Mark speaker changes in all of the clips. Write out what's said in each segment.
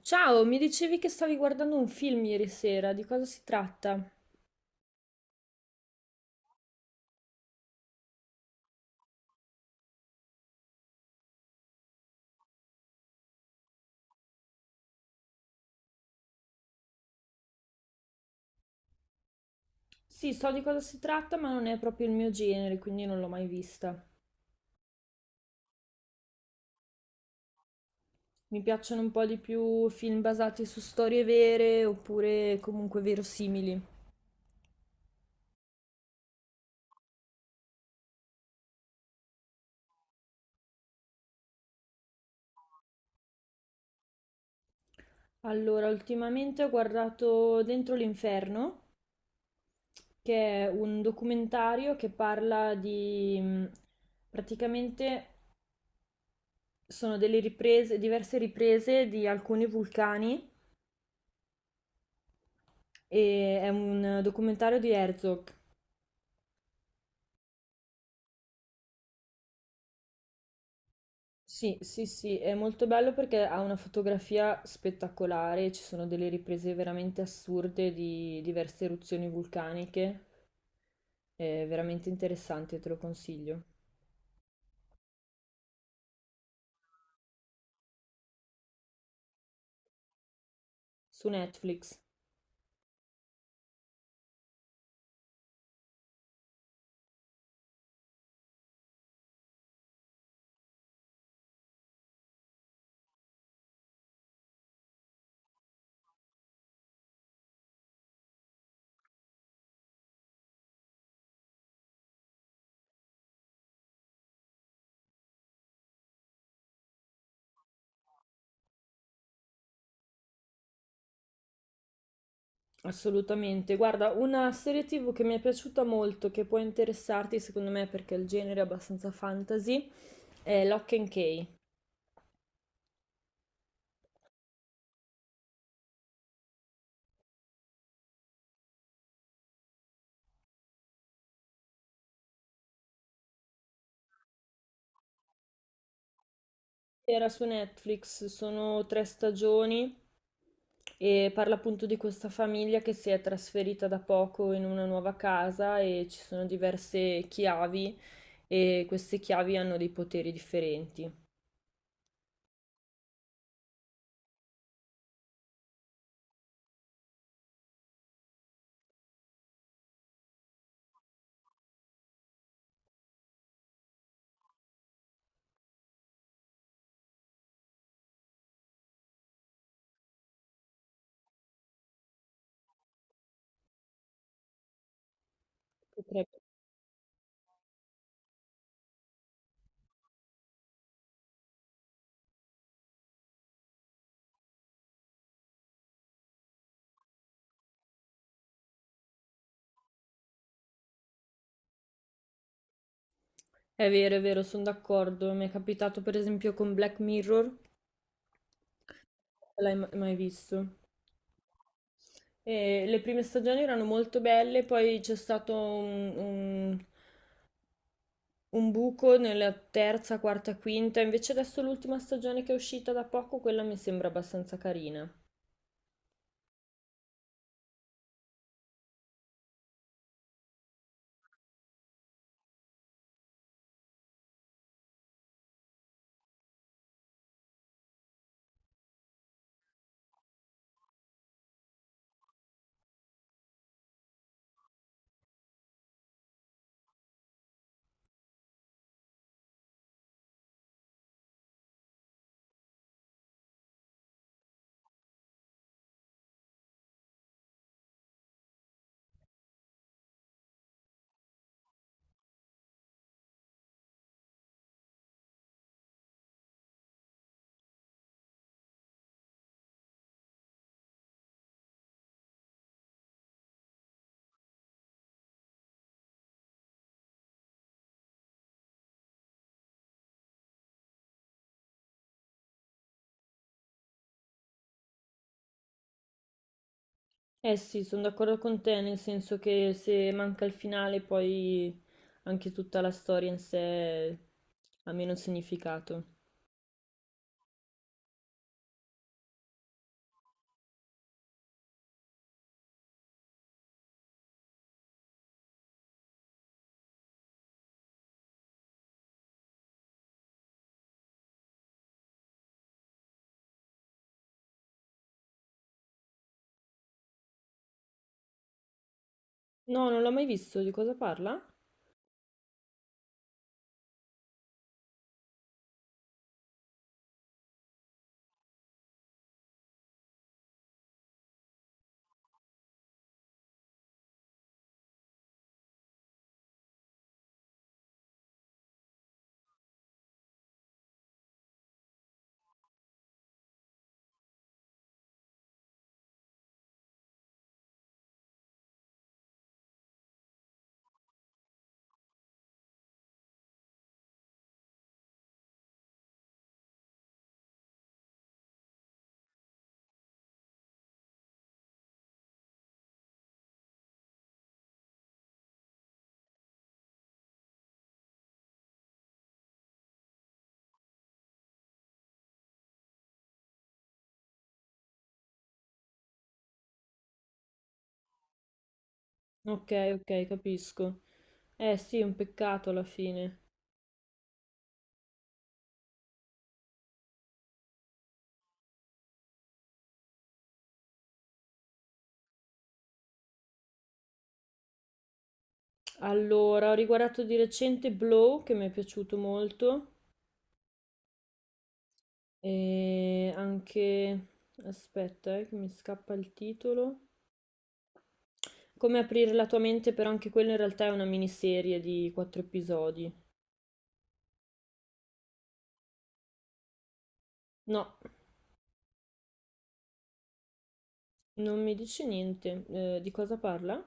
Speaker 1: Ciao, mi dicevi che stavi guardando un film ieri sera, di cosa si tratta? Sì, so di cosa si tratta, ma non è proprio il mio genere, quindi non l'ho mai vista. Mi piacciono un po' di più film basati su storie vere oppure comunque verosimili. Allora, ultimamente ho guardato Dentro l'Inferno, che è un documentario che parla di... praticamente sono delle riprese, diverse riprese di alcuni vulcani e è un documentario di Herzog. Sì, sì, sì, è molto bello perché ha una fotografia spettacolare, ci sono delle riprese veramente assurde di diverse eruzioni vulcaniche, è veramente interessante, te lo consiglio. Su Netflix. Assolutamente. Guarda, una serie TV che mi è piaciuta molto, che può interessarti secondo me perché il genere è abbastanza fantasy, è Lock and Key. Era su Netflix, sono tre stagioni. E parla appunto di questa famiglia che si è trasferita da poco in una nuova casa e ci sono diverse chiavi e queste chiavi hanno dei poteri differenti. Potrebbe- è vero, sono d'accordo. Mi è capitato per esempio con Black Mirror, non l'hai mai visto. E le prime stagioni erano molto belle, poi c'è stato un buco nella terza, quarta, quinta. Invece adesso l'ultima stagione che è uscita da poco, quella mi sembra abbastanza carina. Eh sì, sono d'accordo con te, nel senso che se manca il finale poi anche tutta la storia in sé ha meno significato. No, non l'ho mai visto, di cosa parla? Ok, ok, capisco. Eh sì, è un peccato alla fine. Allora, ho riguardato di recente Blow, che mi è piaciuto molto, e anche... aspetta, che mi scappa il titolo. Come aprire la tua mente, però anche quella in realtà è una miniserie di quattro episodi. No. Non mi dice niente, di cosa parla?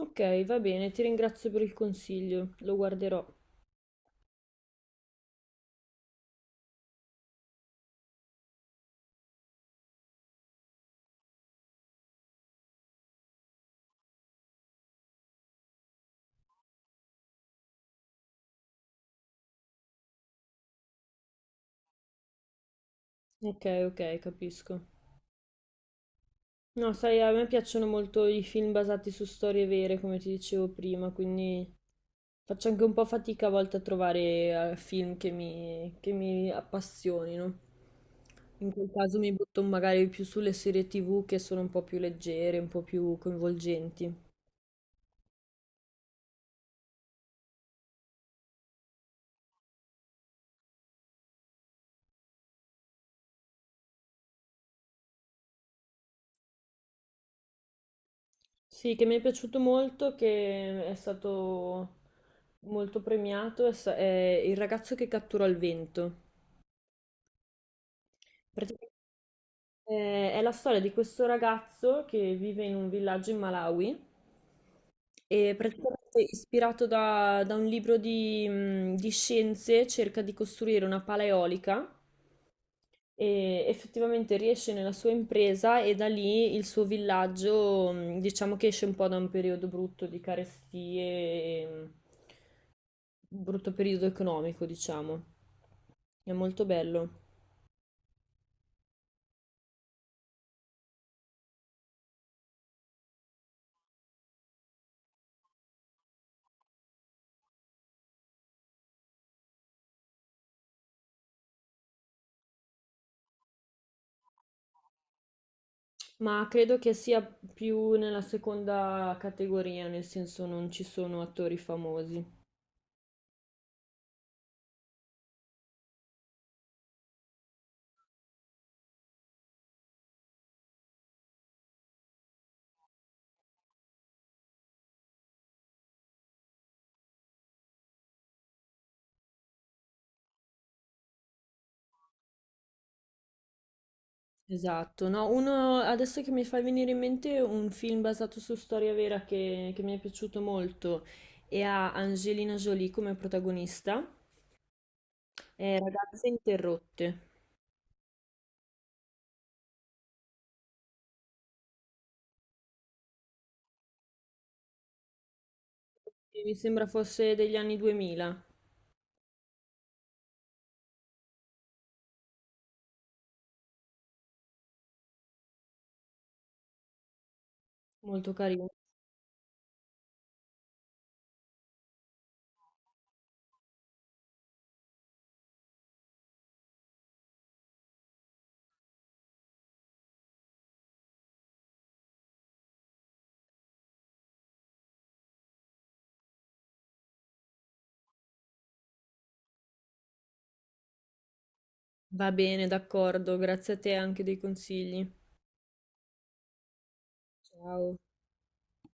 Speaker 1: Ok, va bene, ti ringrazio per il consiglio, lo guarderò. Ok, ok, capisco. No, sai, a me piacciono molto i film basati su storie vere, come ti dicevo prima, quindi faccio anche un po' fatica a volte a trovare film che mi, appassionino. In quel caso mi butto magari più sulle serie TV che sono un po' più leggere, un po' più coinvolgenti. Sì, che mi è piaciuto molto, che è stato molto premiato, è Il ragazzo che cattura il vento. Praticamente è la storia di questo ragazzo che vive in un villaggio in Malawi e praticamente ispirato da un libro di scienze cerca di costruire una pala eolica e effettivamente riesce nella sua impresa e da lì il suo villaggio, diciamo che esce un po' da un periodo brutto di carestie. E, brutto periodo economico, diciamo. È molto bello. Ma credo che sia più nella seconda categoria, nel senso non ci sono attori famosi. Esatto, no, uno adesso che mi fa venire in mente un film basato su storia vera che mi è piaciuto molto e ha Angelina Jolie come protagonista, è Ragazze interrotte, e mi sembra fosse degli anni 2000, molto carino. Va bene, d'accordo, grazie a te anche dei consigli. Ciao.